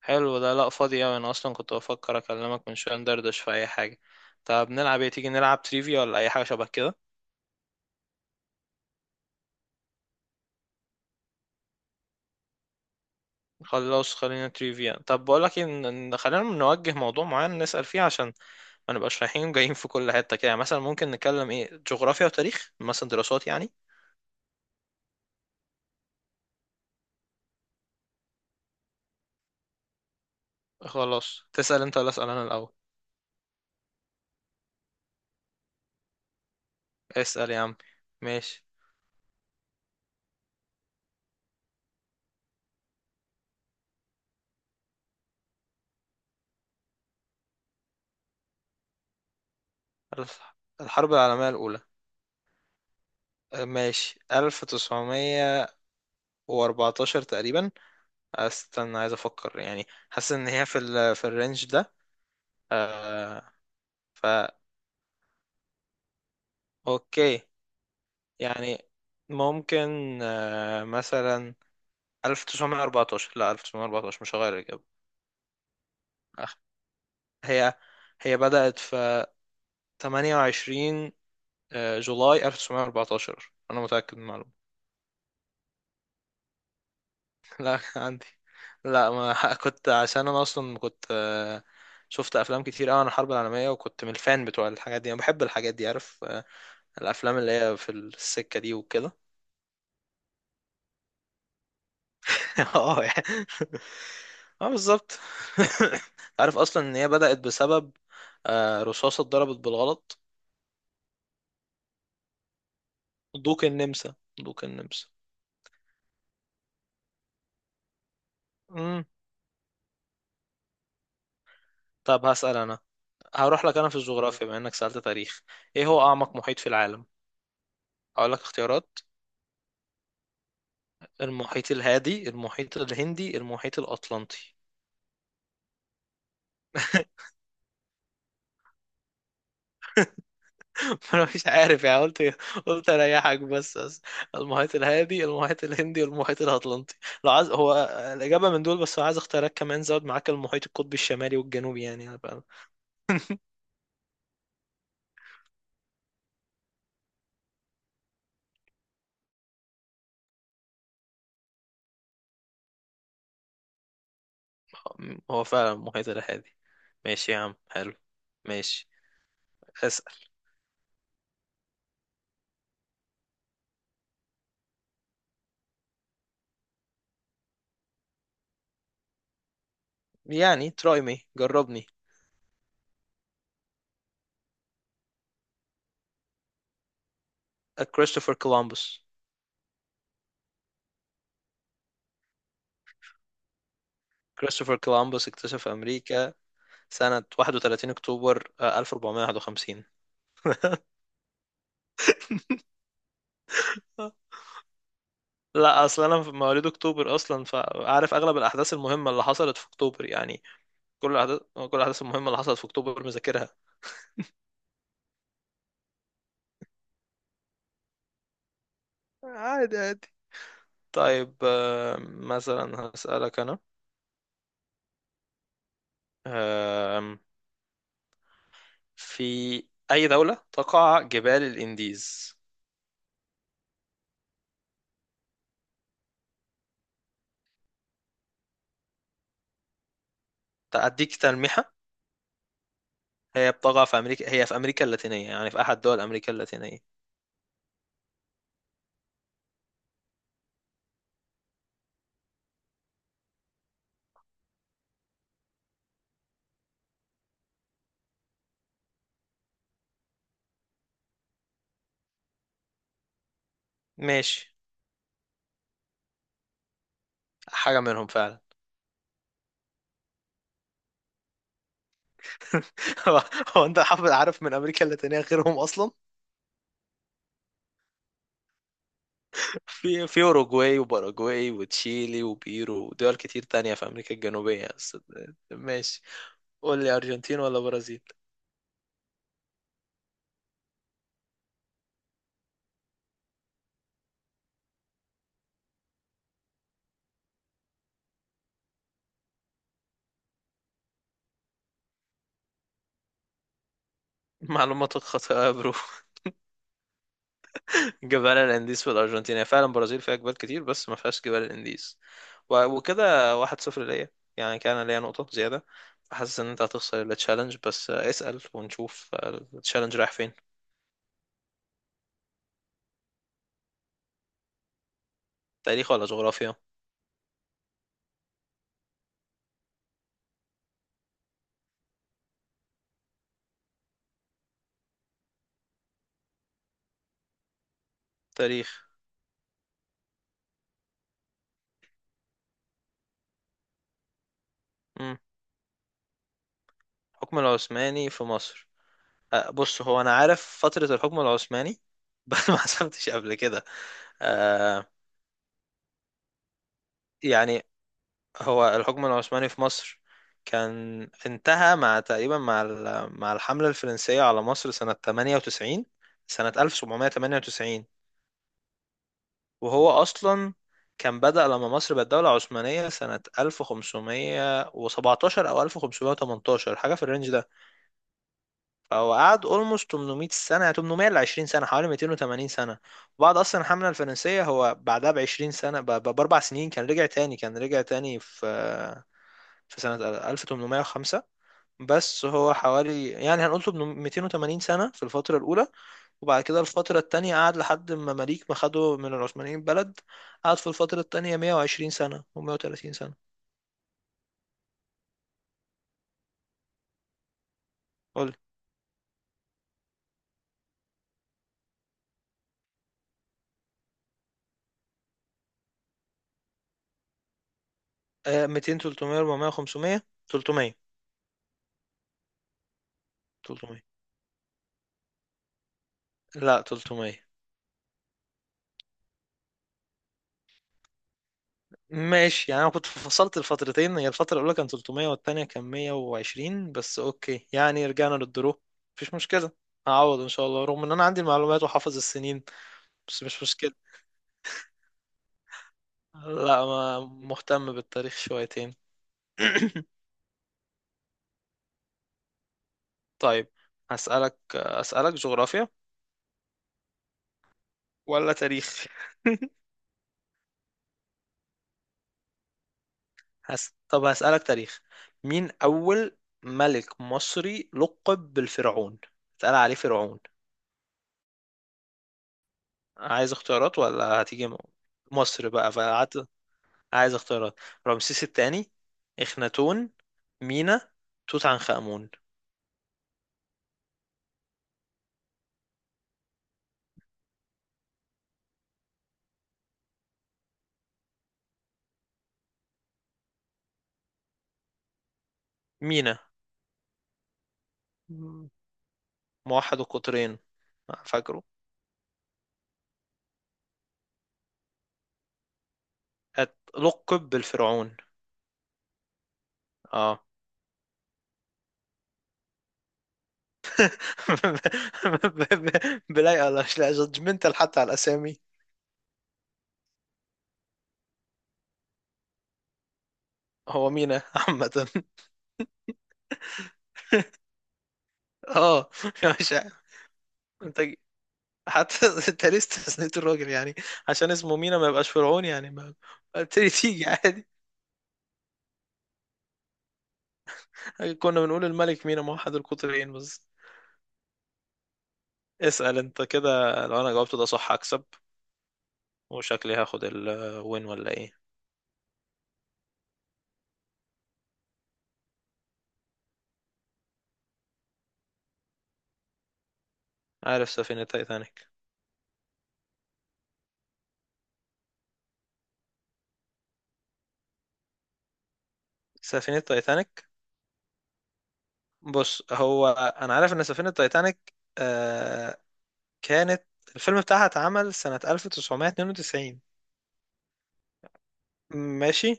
حلو ده. لا فاضي اوي، انا اصلا كنت بفكر اكلمك من شويه ندردش في اي حاجه. طب نلعب ايه؟ تيجي نلعب تريفيا ولا اي حاجه شبه كده. خلاص، خلينا تريفيا. طب بقول لك ان خلينا نوجه موضوع معين نسال فيه عشان ما نبقاش رايحين جايين في كل حته كده، يعني مثلا ممكن نتكلم ايه، جغرافيا وتاريخ، مثلا دراسات يعني. خلاص، تسال انت ولا اسال انا الاول؟ اسال يا عم. ماشي. الف- الحرب العالميه الاولى، ماشي، 1914 تقريبا. استنى عايز افكر، يعني حاسس ان هي في ال في الرينج ده. آه فا اوكي، يعني ممكن مثلا 1914. لا 1914 مش هغير الاجابه. أخ- هي هي بدأت في 28 جولاي 1914، انا متأكد من المعلومه. لا عندي. لا ما كنت، عشان انا اصلا كنت شفت افلام كتير قوي عن الحرب العالميه، وكنت من الفان بتوع الحاجات دي، انا بحب الحاجات دي، عارف الافلام اللي هي في السكه دي وكده. اه يعني. اه بالظبط. عارف اصلا ان هي بدات بسبب رصاصه اتضربت بالغلط. دوق النمسا، دوق النمسا. امم. طب هسال انا، هروح لك انا في الجغرافيا بما انك سالت تاريخ. ايه هو اعمق محيط في العالم؟ اقول لك اختيارات: المحيط الهادي، المحيط الهندي، المحيط الاطلنطي. انا مش عارف، يعني قلت، قلت اريحك بس المحيط الهادي، المحيط الهندي، والمحيط الاطلنطي. لو عايز هو الاجابه من دول بس، لو عايز اختيارات كمان زود معاك المحيط القطبي الشمالي والجنوبي، يعني هو فعلا المحيط الهادي. ماشي يا عم، حلو. ماشي. اسال. يعني تراي مي، جربني. كريستوفر كولومبوس. كريستوفر كولومبوس اكتشف امريكا سنه 31 اكتوبر 1451. لا اصل انا في مواليد اكتوبر اصلا، فعارف اغلب الاحداث المهمه اللي حصلت في اكتوبر يعني. كل الاحداث المهمه اللي حصلت في اكتوبر مذاكرها. عادي عادي. طيب مثلا هسألك انا. آم، في اي دوله تقع جبال الانديز؟ اديك تلميحه: هي بتقع في امريكا، هي في امريكا اللاتينيه، يعني في احد دول امريكا اللاتينيه. ماشي، حاجه منهم فعلا. هو هو انت حافظ عارف من امريكا اللاتينيه غيرهم اصلا؟ في اوروجواي وباراجواي وتشيلي وبيرو ودول كتير تانية في امريكا الجنوبية بس. ماشي. قول لي، ارجنتين ولا برازيل؟ معلوماتك خاطئة يا برو. جبال الانديز في الارجنتين، هي فعلا برازيل فيها جبال كتير بس ما فيهاش جبال الانديز. وكده واحد صفر ليا، يعني كان ليا نقطة زيادة. حاسس ان انت هتخسر التشالنج، بس اسأل ونشوف. التشالنج رايح فين؟ تاريخ ولا جغرافيا؟ تاريخ. امم. الحكم العثماني في مصر. بص هو انا عارف فترة الحكم العثماني، بس ما حسبتش قبل كده. آه، يعني هو الحكم العثماني في مصر كان انتهى مع تقريبا مع مع الحملة الفرنسية على مصر سنة 98، سنة 1798. وهو أصلا كان بدأ لما مصر بقت دولة عثمانية سنة 1517 أو 1518، حاجة في الرينج ده. هو قعد اولموست 800 سنه، يعني 800 ل 20 سنه، حوالي 280 سنه. بعد اصلا الحمله الفرنسيه هو بعدها ب 20 سنه باربع سنين كان رجع تاني في سنه 1805. بس هو حوالي يعني هنقول 800، 280 سنه في الفتره الاولى، وبعد كده الفتره التانيه قعد لحد ما مماليك ما خدوا من العثمانيين بلد، قعد في الفتره التانيه 120 سنه و130 سنه. قول لي. 200، 300، 400، 500؟ 300. 300 لا 300. ماشي، يعني انا كنت فصلت الفترتين، هي الفتره الاولى كانت 300 والتانيه كان 120 بس، اوكي يعني رجعنا للدرو. مفيش مشكله، هعوض ان شاء الله، رغم ان انا عندي المعلومات وحافظ السنين. بس مش مشكله، لا ما مهتم بالتاريخ شويتين. طيب أسألك جغرافيا ولا تاريخ؟ طب هسألك تاريخ. مين أول ملك مصري لقب بالفرعون، اتقال عليه فرعون؟ عايز اختيارات ولا هتيجي مصر بقى فقعدت؟ عايز اختيارات: رمسيس الثاني، اخناتون، مينا، توت عنخ آمون. مينا. مم. موحد القطرين، فاكره. لقب بالفرعون. اه. بلاي الله، مش لا جادجمنتال حتى على الاسامي. هو مينا عامة. اه مش ع- انت، حتى انت ليه استثنيت الراجل يعني؟ عشان اسمه مينا ما يبقاش فرعون يعني؟ ما تيجي تيجي عادي. كنا بنقول الملك مينا موحد القطرين بس. اسأل انت كده، لو انا جاوبت ده صح هكسب، وشكلي هاخد الوين ولا ايه؟ عارف سفينة تايتانيك. سفينة تايتانيك. بص هو انا عارف ان سفينة تايتانيك آه كانت، الفيلم بتاعها اتعمل سنة 1992. ماشي،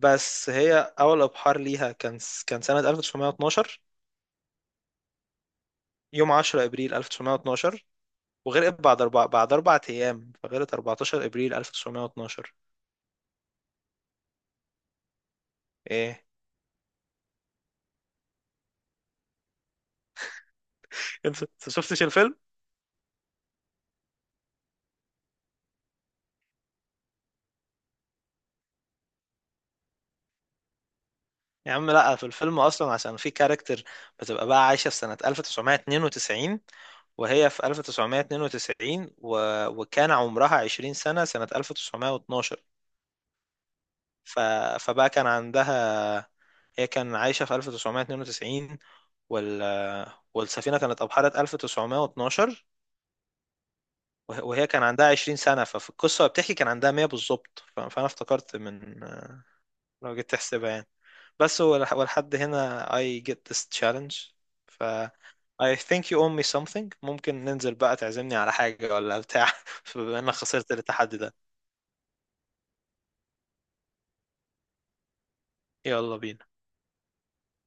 بس هي اول ابحار ليها كان، كان سنة 1912، يوم 10 ابريل 1912، وغرقت بعد اربع ايام، فغرقت 14 ابريل 1912. ايه انت، أنت شفتش الفيلم؟ يا عم لا، في الفيلم اصلا عشان في كاركتر بتبقى بقى عايشه في سنه 1992، وهي في 1992 وكان عمرها 20 سنه سنه 1912. ف... فبقى كان عندها، هي كان عايشه في 1992 وال... والسفينه كانت ابحرت 1912، وهي كان عندها 20 سنه، ففي القصه بتحكي كان عندها 100 بالظبط. فانا افتكرت من لو جيت تحسبها يعني. بس هو ولحد هنا I get this challenge. ف I think you owe me something. ممكن ننزل بقى تعزمني على حاجة ولا بتاع؟ بما انك خسرت التحدي ده. يلا بينا